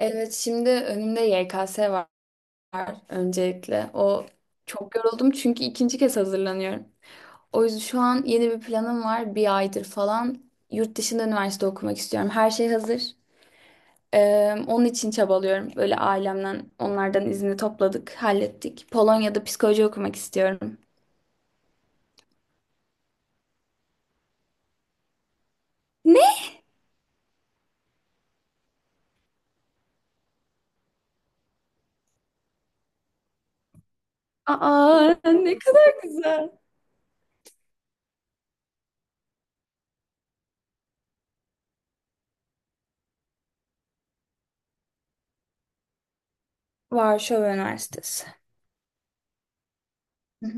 Evet, şimdi önümde YKS var öncelikle. O çok yoruldum çünkü ikinci kez hazırlanıyorum. O yüzden şu an yeni bir planım var. Bir aydır falan yurt dışında üniversite okumak istiyorum. Her şey hazır. Onun için çabalıyorum. Böyle ailemden onlardan izni topladık, hallettik. Polonya'da psikoloji okumak istiyorum. Ne? Aa, ne kadar güzel. Varşova Üniversitesi. Hı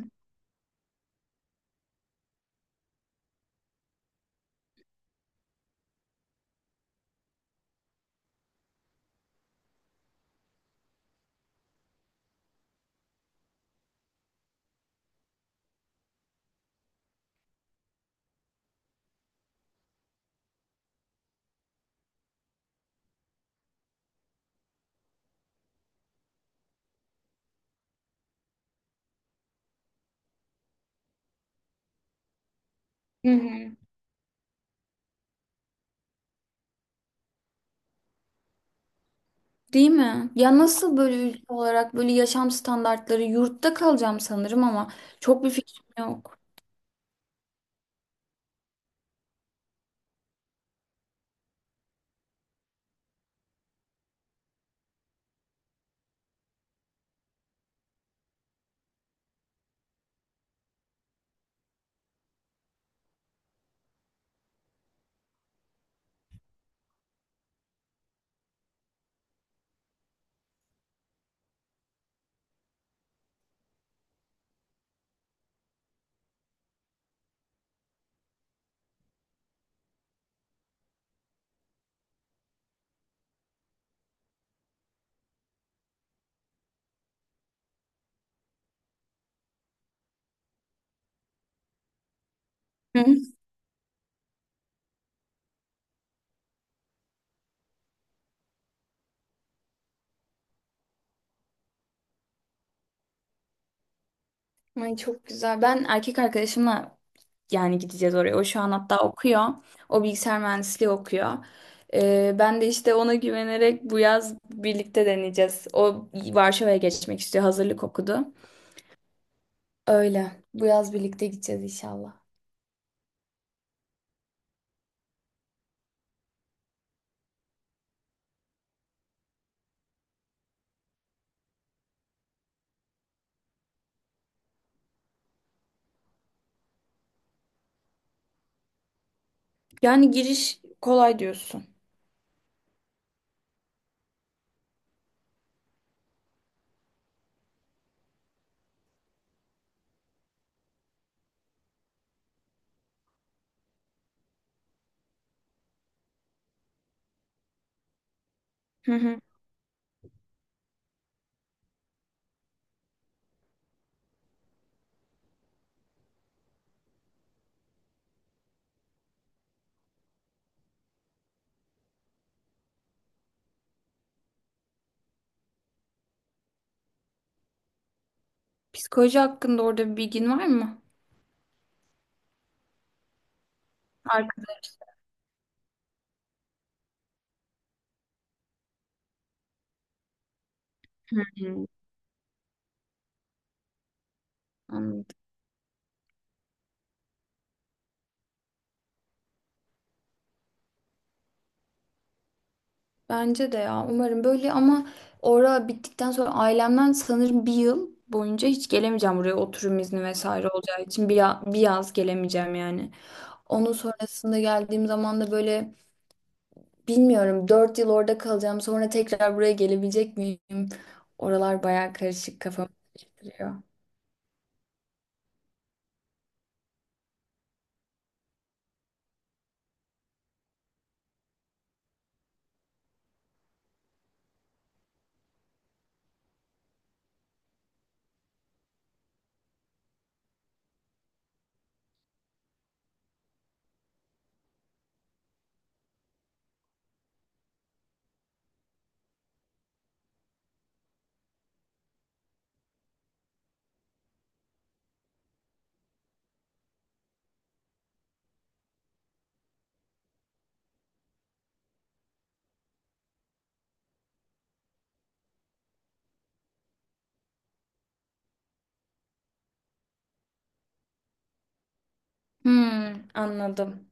hı. Değil mi? Ya nasıl böyle, ülke olarak böyle yaşam standartları, yurtta kalacağım sanırım ama çok bir fikrim yok. Hı. Ay çok güzel. Ben erkek arkadaşımla yani gideceğiz oraya. O şu an hatta okuyor. O bilgisayar mühendisliği okuyor. Ben de işte ona güvenerek bu yaz birlikte deneyeceğiz. O Varşova'ya geçmek istiyor. Hazırlık okudu. Öyle. Bu yaz birlikte gideceğiz inşallah. Yani giriş kolay diyorsun. Hı hı. Psikoloji hakkında orada bir bilgin var mı? Arkadaş. Hı hı. Anladım. Bence de ya, umarım böyle ama orada bittikten sonra ailemden sanırım bir yıl boyunca hiç gelemeyeceğim buraya, oturum izni vesaire olacağı için bir yaz gelemeyeceğim yani. Onun sonrasında geldiğim zaman da böyle bilmiyorum, dört yıl orada kalacağım, sonra tekrar buraya gelebilecek miyim? Oralar bayağı karışık, kafamı karıştırıyor. Hmm, anladım.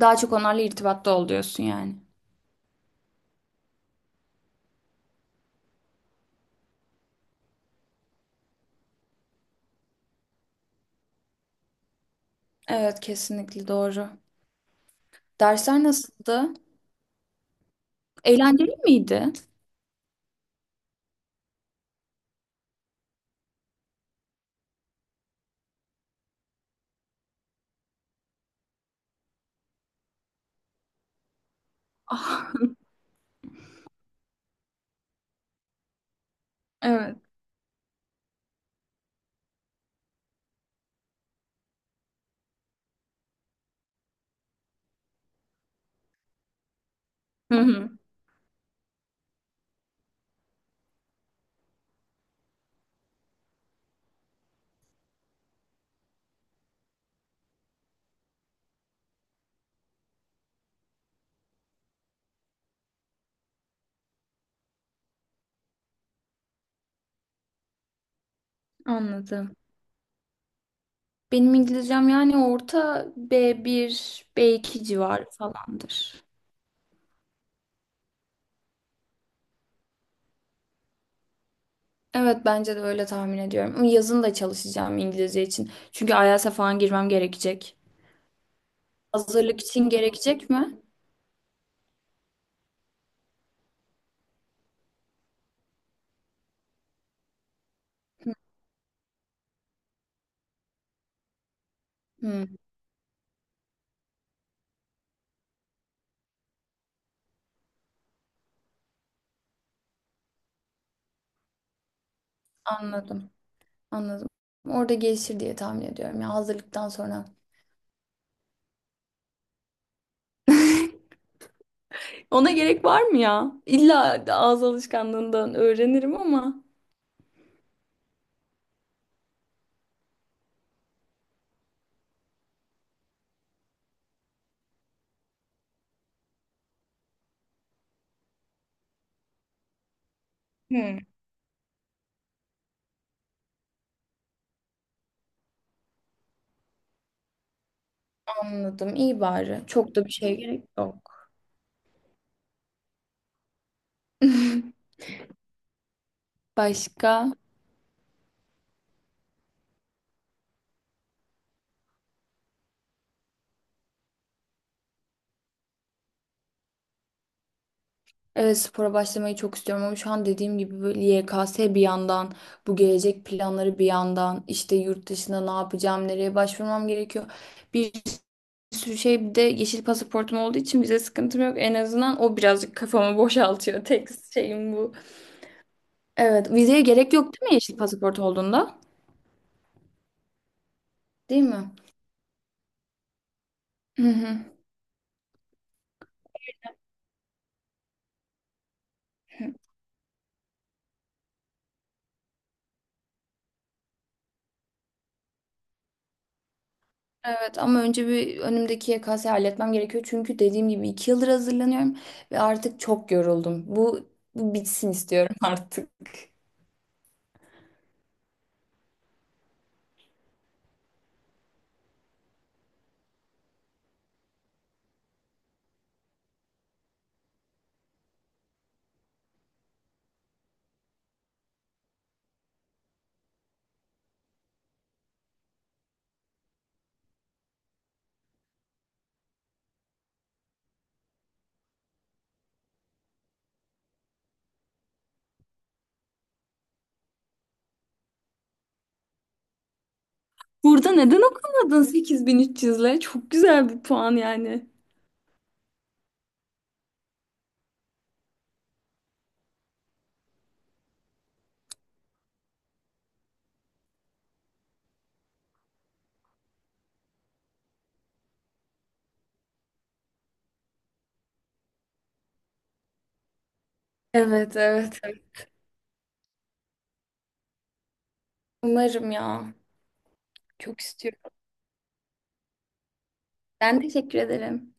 Daha çok onlarla irtibatta ol diyorsun yani. Evet, kesinlikle doğru. Dersler nasıldı? Eğlenceli miydi? Evet. Hı hı. Anladım. Benim İngilizcem yani orta B1, B2 civarı falandır. Evet, bence de öyle tahmin ediyorum. Ama yazın da çalışacağım İngilizce için. Çünkü IELTS'e falan girmem gerekecek. Hazırlık için gerekecek mi? Hı, anladım. Anladım. Orada gelişir diye tahmin ediyorum ya, hazırlıktan sonra. Ona gerek var mı ya? İlla ağız alışkanlığından öğrenirim ama. Hmm. Anladım. İyi bari. Çok da bir şey gerek yok. Başka? Evet, spora başlamayı çok istiyorum ama şu an dediğim gibi böyle, YKS bir yandan, bu gelecek planları bir yandan, işte yurt dışında ne yapacağım, nereye başvurmam gerekiyor. Bir sürü şey, bir de yeşil pasaportum olduğu için vize sıkıntım yok. En azından o birazcık kafamı boşaltıyor. Tek şeyim bu. Evet, vizeye gerek yok değil mi yeşil pasaport olduğunda? Değil mi? Hı hı. Evet ama önce bir önümdeki YKS'yi halletmem gerekiyor. Çünkü dediğim gibi iki yıldır hazırlanıyorum ve artık çok yoruldum. Bu bitsin istiyorum artık. Burada neden okumadın 8300'le? Çok güzel bir puan yani. Evet, evet, evet. Umarım ya. Çok istiyorum. Ben teşekkür ederim.